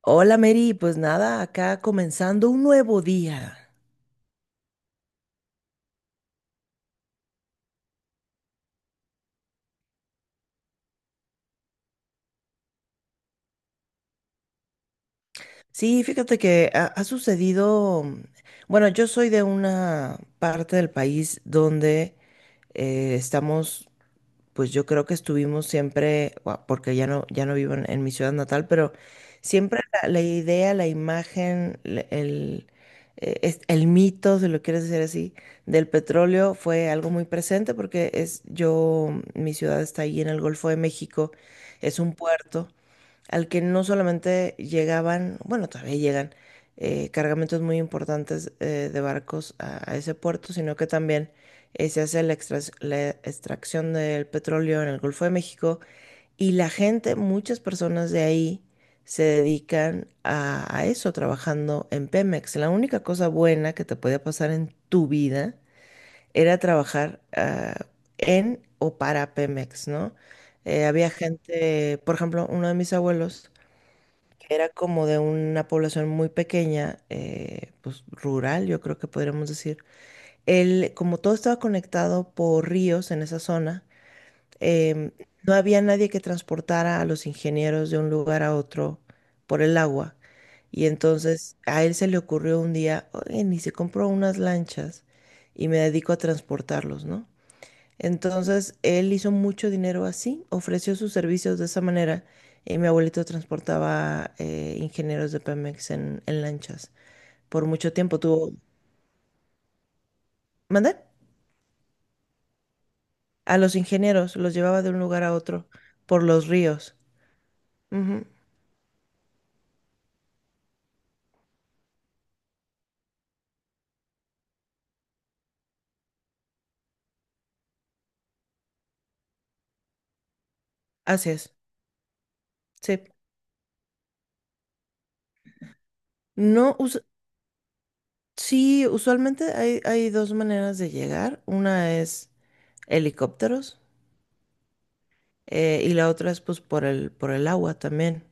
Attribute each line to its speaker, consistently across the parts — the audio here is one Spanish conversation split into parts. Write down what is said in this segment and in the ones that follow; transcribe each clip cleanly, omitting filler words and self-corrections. Speaker 1: Hola Mary, pues nada, acá comenzando un nuevo día. Sí, fíjate que ha sucedido, bueno, yo soy de una parte del país donde estamos, pues yo creo que estuvimos siempre, porque ya no, ya no vivo en mi ciudad natal, pero siempre la idea, la imagen, el mito, si lo quieres decir así, del petróleo fue algo muy presente porque es yo, mi ciudad está ahí en el Golfo de México, es un puerto al que no solamente llegaban, bueno, todavía llegan cargamentos muy importantes, de barcos a ese puerto, sino que también se hace la extracción del petróleo en el Golfo de México y la gente, muchas personas de ahí se dedican a eso, trabajando en Pemex. La única cosa buena que te podía pasar en tu vida era trabajar en o para Pemex, ¿no? Había gente, por ejemplo, uno de mis abuelos, que era como de una población muy pequeña, pues rural, yo creo que podríamos decir. Él, como todo estaba conectado por ríos en esa zona, em, no había nadie que transportara a los ingenieros de un lugar a otro por el agua. Y entonces a él se le ocurrió un día, oye, ni se compró unas lanchas y me dedico a transportarlos, ¿no? Entonces, él hizo mucho dinero así, ofreció sus servicios de esa manera y mi abuelito transportaba ingenieros de Pemex en lanchas. Por mucho tiempo tuvo… ¿Mandé? A los ingenieros los llevaba de un lugar a otro por los ríos. Ujú. Así es. Sí. No, us- Sí, usualmente hay, hay dos maneras de llegar. Una es helicópteros, y la otra es pues por por el agua también.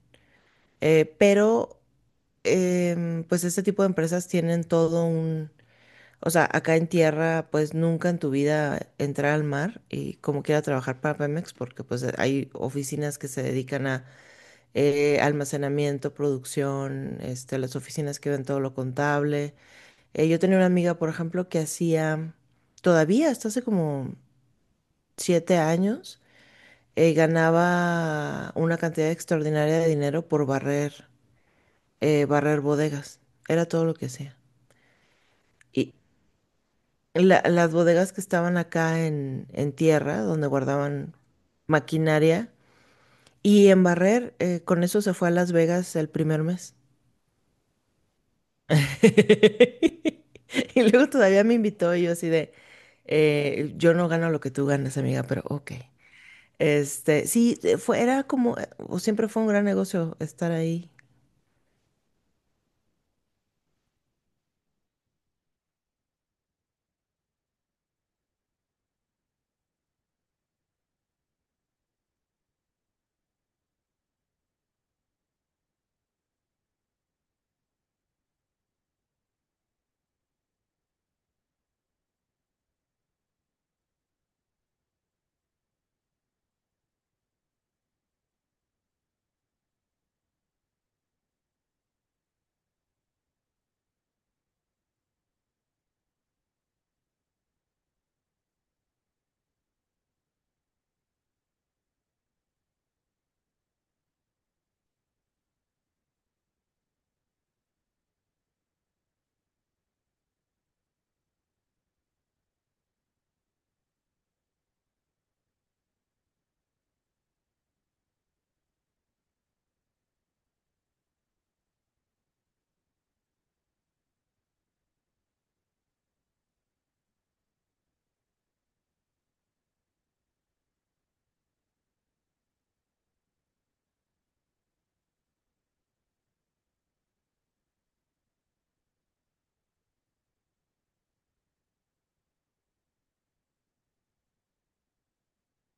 Speaker 1: Eh, pero, pues este tipo de empresas tienen todo un, o sea, acá en tierra, pues nunca en tu vida entrar al mar y como quiera trabajar para Pemex, porque pues hay oficinas que se dedican a almacenamiento, producción, este, las oficinas que ven todo lo contable. Yo tenía una amiga, por ejemplo, que hacía, todavía, hasta hace como siete años, ganaba una cantidad extraordinaria de dinero por barrer, barrer bodegas, era todo lo que hacía. Y las bodegas que estaban acá en tierra, donde guardaban maquinaria, y en barrer, con eso se fue a Las Vegas el primer mes. Y luego todavía me invitó y yo así de, yo no gano lo que tú ganas, amiga, pero ok. Este, sí, era como, o siempre fue un gran negocio estar ahí.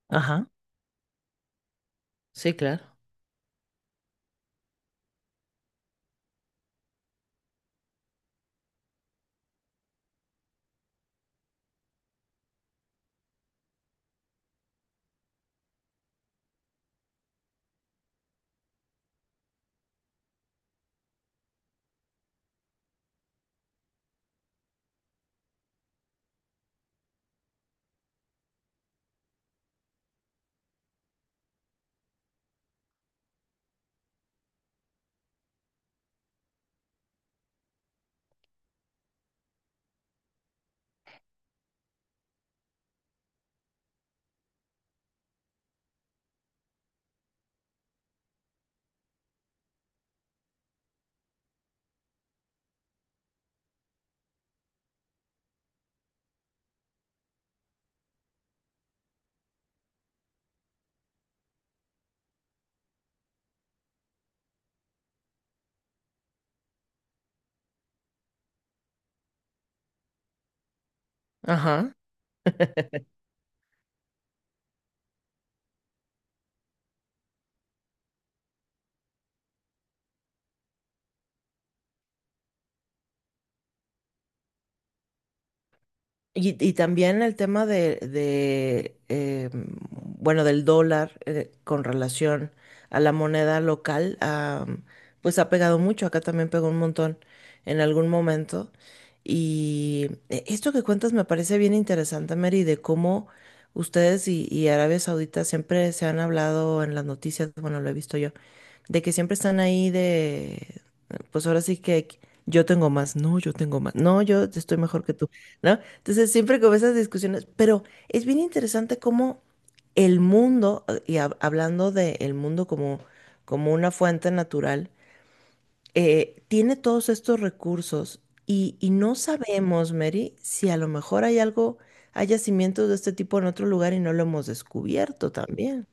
Speaker 1: Ajá, sí, claro. Ajá. Y también el tema bueno, del dólar, con relación a la moneda local, ah, pues ha pegado mucho. Acá también pegó un montón en algún momento. Y esto que cuentas me parece bien interesante, Mary, de cómo ustedes y Arabia Saudita siempre se han hablado en las noticias, bueno, lo he visto yo de que siempre están ahí de, pues ahora sí que yo tengo más, no, yo tengo más, no, yo estoy mejor que tú, ¿no? Entonces siempre con esas discusiones, pero es bien interesante cómo el mundo, hablando del mundo como, como una fuente natural, tiene todos estos recursos y no sabemos, Mary, si a lo mejor hay algo, hay yacimientos de este tipo en otro lugar y no lo hemos descubierto también.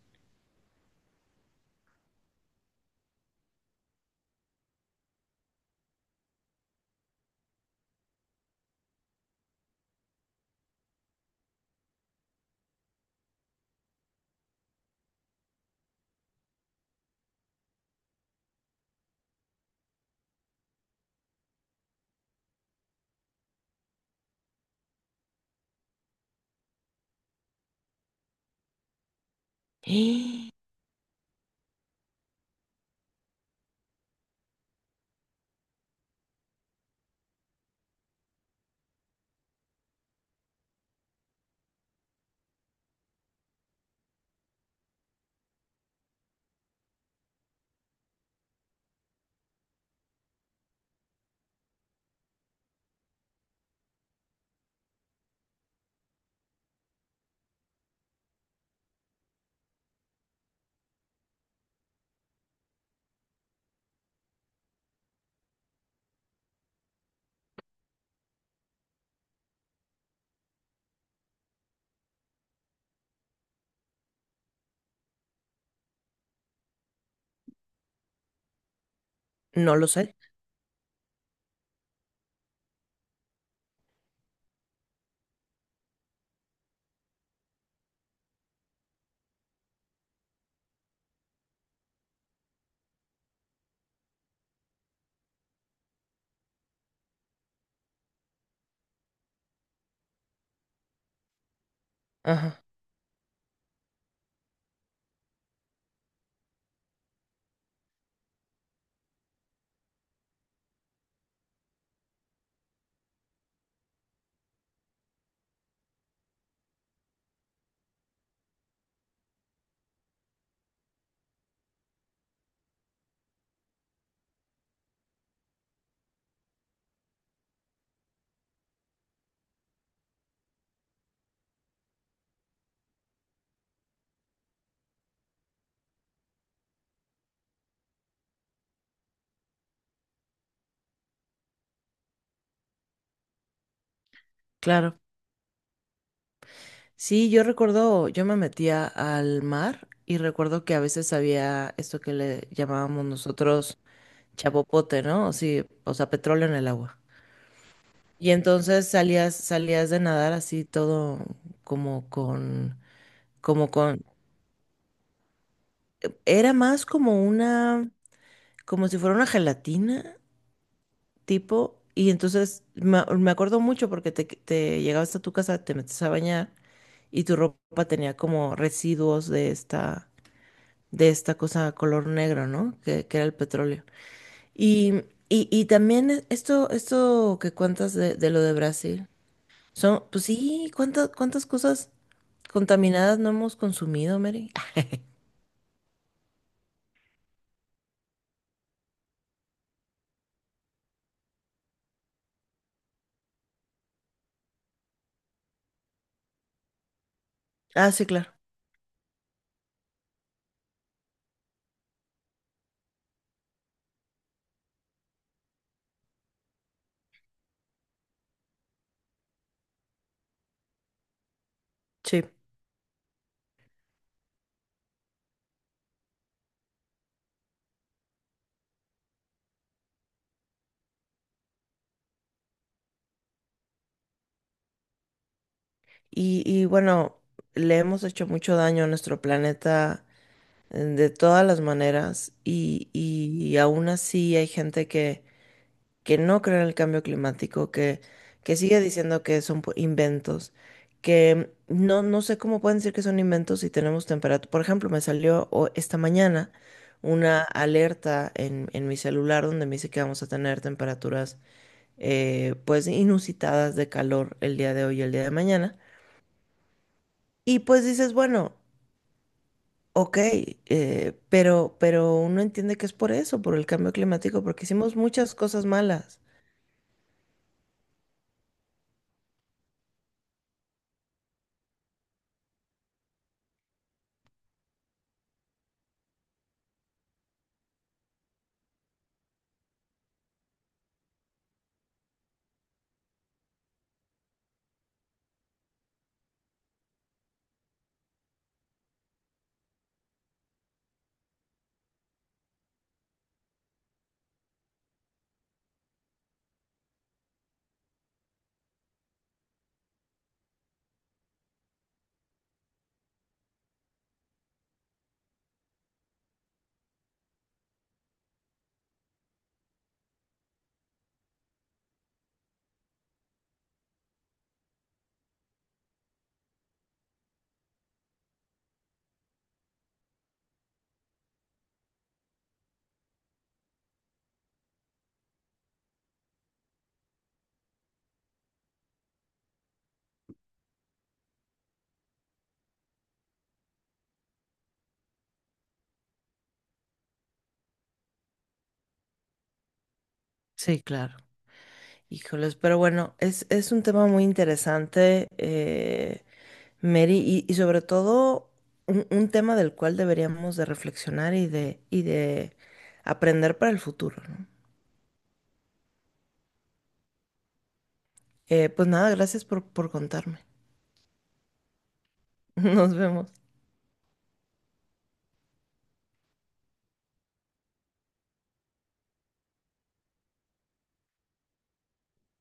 Speaker 1: No lo sé. Ajá, claro. Sí, yo recuerdo, yo me metía al mar y recuerdo que a veces había esto que le llamábamos nosotros chapopote, ¿no? Sí, o sea, petróleo en el agua. Y entonces salías de nadar así todo como con, como con, era más como una, como si fuera una gelatina tipo, y entonces me acuerdo mucho porque te llegabas a tu casa, te metes a bañar y tu ropa tenía como residuos de esta, de esta cosa color negro, ¿no? Que era el petróleo. Y, y también esto que cuentas de lo de Brasil, son, pues sí, ¿cuántas cosas contaminadas no hemos consumido, Mary? Ah, sí, claro, sí. Y bueno, le hemos hecho mucho daño a nuestro planeta, de todas las maneras y aún así hay gente que no cree en el cambio climático, que sigue diciendo que son inventos, que no, no sé cómo pueden decir que son inventos si tenemos temperatura. Por ejemplo, me salió esta mañana una alerta en mi celular donde me dice que vamos a tener temperaturas, pues inusitadas de calor el día de hoy y el día de mañana. Y pues dices, bueno, ok, pero uno entiende que es por eso, por el cambio climático, porque hicimos muchas cosas malas. Sí, claro. Híjoles, pero bueno, es un tema muy interesante, Mary, y sobre todo un tema del cual deberíamos de reflexionar y de aprender para el futuro, ¿no? Pues nada, gracias por contarme. Nos vemos.